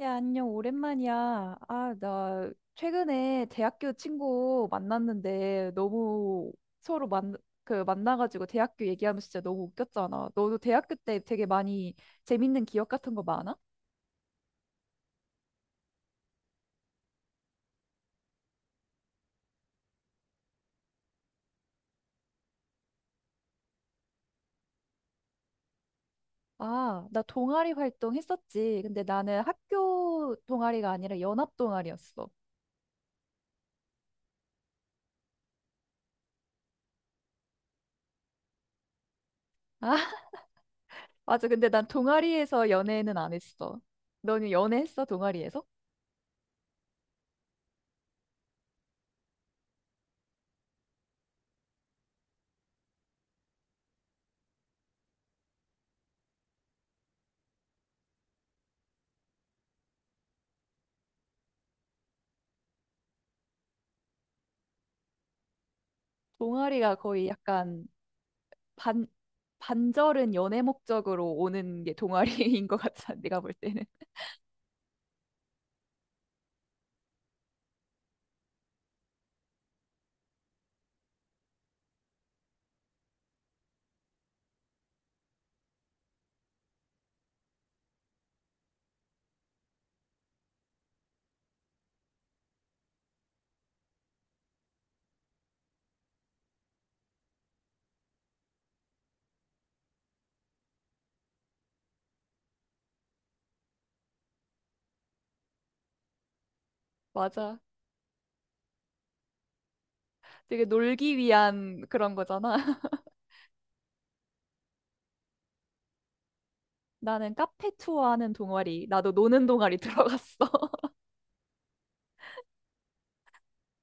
야, 안녕, 오랜만이야. 아, 나 최근에 대학교 친구 만났는데 너무 서로 만, 그 만나가지고 대학교 얘기하면 진짜 너무 웃겼잖아. 너도 대학교 때 되게 많이 재밌는 기억 같은 거 많아? 아, 나 동아리 활동 했었지. 근데 나는 학교 동아리가 아니라 연합 동아리였어. 아, 맞아. 근데 난 동아리에서 연애는 안 했어. 너는 연애했어, 동아리에서? 동아리가 거의 약간 반, 반절은 연애 목적으로 오는 게 동아리인 것 같아, 내가 볼 때는. 맞아. 되게 놀기 위한 그런 거잖아. 나는 카페 투어하는 동아리, 나도 노는 동아리 들어갔어.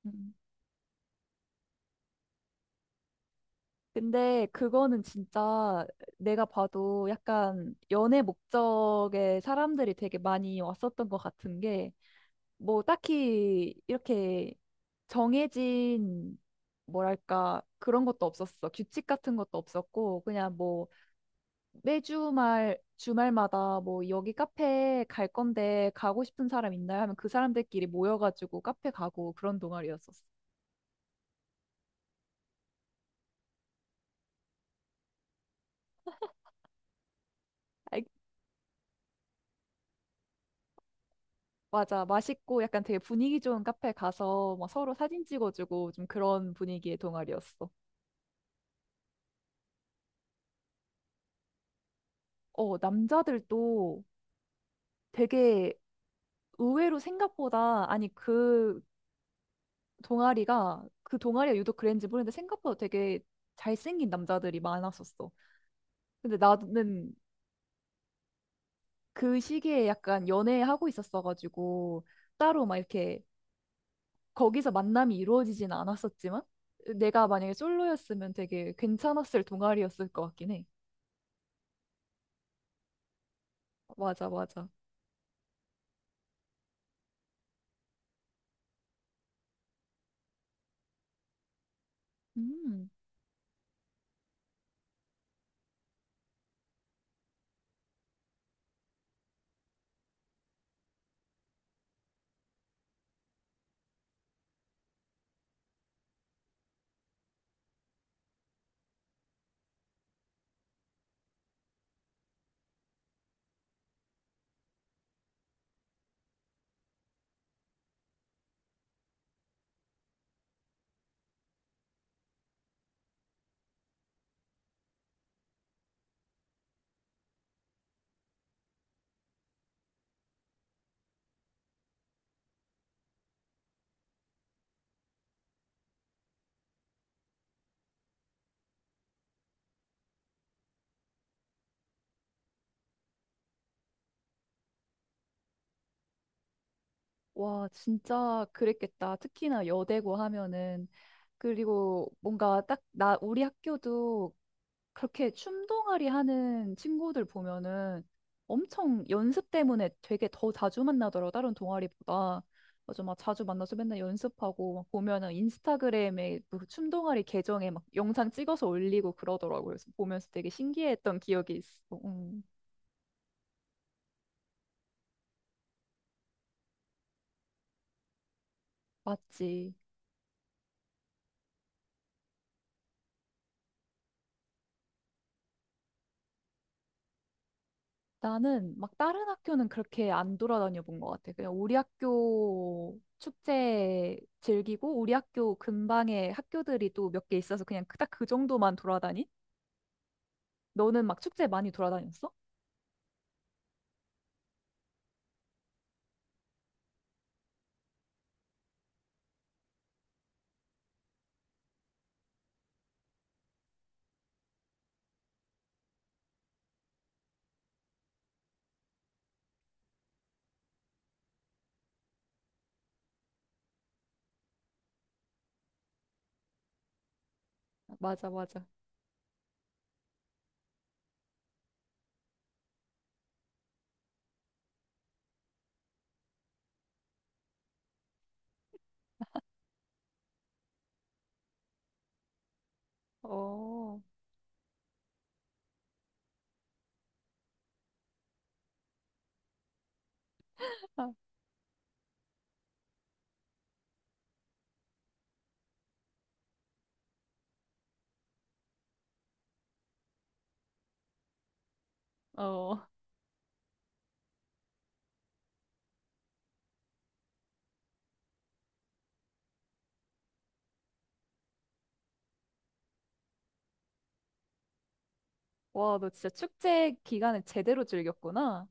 음. 근데 그거는 진짜 내가 봐도 약간 연애 목적의 사람들이 되게 많이 왔었던 것 같은 게, 뭐 딱히 이렇게 정해진 뭐랄까 그런 것도 없었어. 규칙 같은 것도 없었고, 그냥 뭐 매주 말 주말마다 뭐 여기 카페 갈 건데 가고 싶은 사람 있나요? 하면 그 사람들끼리 모여가지고 카페 가고 그런 동아리였었어. 아이, 맞아. 맛있고 약간 되게 분위기 좋은 카페 가서 막 서로 사진 찍어주고 좀 그런 분위기의 동아리였어. 어, 남자들도 되게 의외로 생각보다 아니 그 동아리가 그 동아리가 유독 그랬는지 모르겠는데 생각보다 되게 잘생긴 남자들이 많았었어. 근데 나는 그 시기에 약간 연애하고 있었어가지고 따로 막 이렇게 거기서 만남이 이루어지진 않았었지만 내가 만약에 솔로였으면 되게 괜찮았을 동아리였을 것 같긴 해. 맞아, 맞아. 음. 와, 진짜 그랬겠다. 특히나 여대고 하면은 그리고 뭔가 딱 나 우리 학교도 그렇게 춤동아리 하는 친구들 보면은 엄청 연습 때문에 되게 더 자주 만나더라고, 다른 동아리보다. 맞아, 막 자주 만나서 맨날 연습하고, 막 보면은 인스타그램에 그 춤동아리 계정에 막 영상 찍어서 올리고 그러더라고요. 그래서 보면서 되게 신기했던 기억이 있어. 맞지. 나는 막 다른 학교는 그렇게 안 돌아다녀 본 것 같아. 그냥 우리 학교 축제 즐기고, 우리 학교 근방에 학교들이 또 몇 개 있어서 그냥 그, 딱그 정도만 돌아다닌? 너는 막 축제 많이 돌아다녔어? 맞아, 맞아. 어, 어. 와, 너 진짜 축제 기간을 제대로 즐겼구나.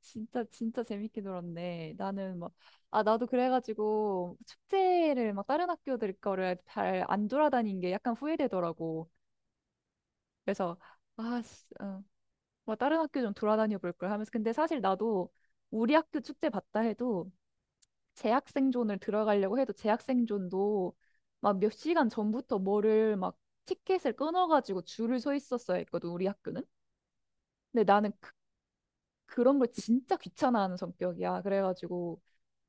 진짜, 진짜 재밌게 놀았네. 나는 막, 아, 나도 그래가지고 축제를 막 다른 학교들 거를 잘 안 돌아다닌 게 약간 후회되더라고. 그래서 아, 씨, 어, 뭐 다른 학교 좀 돌아다녀 볼 걸 하면서 근데 사실 나도 우리 학교 축제 봤다 해도 재학생존을 들어가려고 해도 재학생존도 막 몇 시간 전부터 뭐를 막 티켓을 끊어가지고 줄을 서 있었어야 했거든 우리 학교는. 근데 나는 그, 그런 걸 진짜 귀찮아하는 성격이야. 그래가지고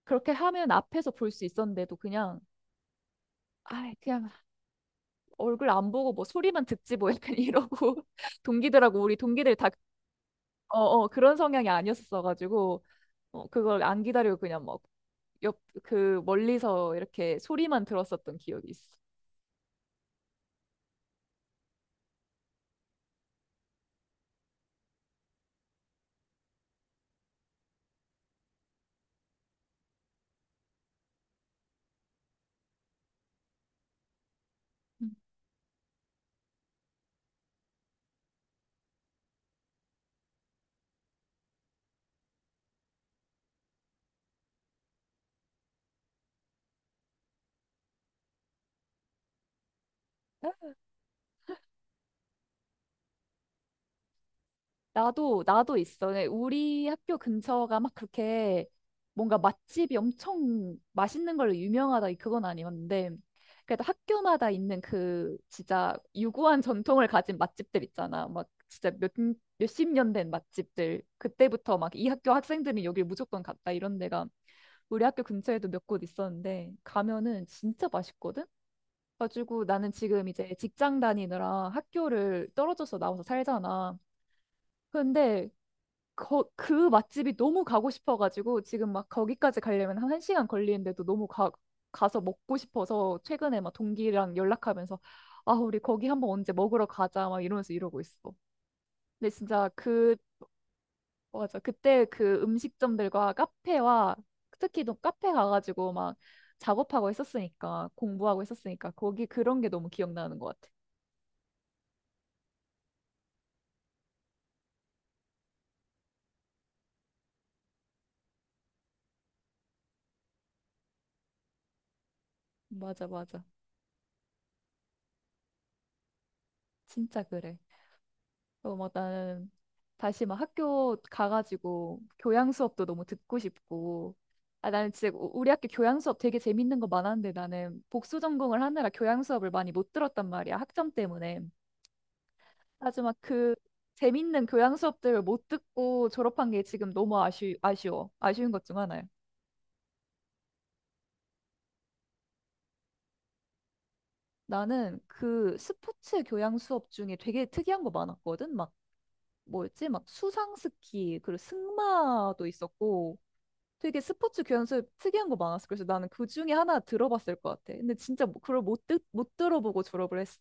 그렇게 하면 앞에서 볼 수 있었는데도 그냥 아 그냥 얼굴 안 보고 뭐 소리만 듣지 뭐 약간 이러고 동기들하고 우리 동기들 다 어, 어, 그런 성향이 아니었어가지고 어, 그걸 안 기다리고 그냥 막 옆, 그 멀리서 이렇게 소리만 들었었던 기억이 있어. 음. 나도, 나도 있어. 근데 우리 학교 근처가 막 그렇게 뭔가 맛집이 엄청 맛있는 걸로 유명하다, 그건 아니었는데, 그래도 학교마다 있는 그 진짜 유구한 전통을 가진 맛집들 있잖아. 막 진짜 몇, 몇십 년 된 맛집들. 그때부터 막 이 학교 학생들은 여길 무조건 갔다 이런 데가 우리 학교 근처에도 몇 곳 있었는데, 가면은 진짜 맛있거든? 가지고 나는 지금 이제 직장 다니느라 학교를 떨어져서 나와서 살잖아. 근데 그 맛집이 너무 가고 싶어가지고 지금 막 거기까지 가려면 한 1시간 걸리는데도 너무 가서 먹고 싶어서 최근에 막 동기랑 연락하면서 아, 우리 거기 한번 언제 먹으러 가자 막 이러면서 이러고 있어. 근데 진짜 그, 맞아. 그때 그 음식점들과 카페와 특히 또 카페 가가지고 막 작업하고 했었으니까 공부하고 했었으니까 거기 그런 게 너무 기억나는 것 같아. 맞아, 맞아. 진짜 그래. 어, 막 나는 다시 막 학교 가가지고 교양 수업도 너무 듣고 싶고. 아, 나는 진짜 우리 학교 교양 수업 되게 재밌는 거 많았는데 나는 복수 전공을 하느라 교양 수업을 많이 못 들었단 말이야. 학점 때문에. 아주 막 그 재밌는 교양 수업들을 못 듣고 졸업한 게 지금 너무 아쉬워. 아쉬운 것 중 하나야. 나는 그 스포츠 교양 수업 중에 되게 특이한 거 많았거든. 막 뭐였지? 막 수상 스키, 그리고 승마도 있었고. 되게 스포츠 교환수업 특이한 거 많았어. 그래서 나는 그 중에 하나 들어봤을 것 같아. 근데 진짜 뭐- 그걸 못, 듣, 못 들어보고 졸업을 했어.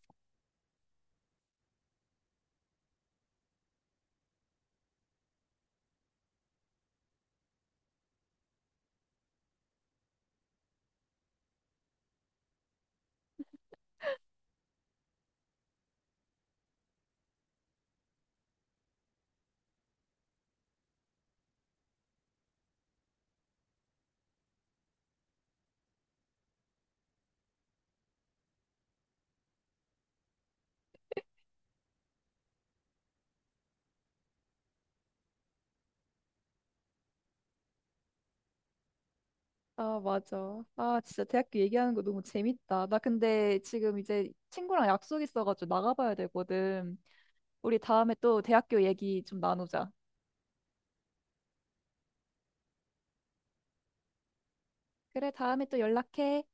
아, 맞아. 아, 진짜 대학교 얘기하는 거 너무 재밌다. 나 근데 지금 이제 친구랑 약속 있어가지고 나가봐야 되거든. 우리 다음에 또 대학교 얘기 좀 나누자. 그래, 다음에 또 연락해.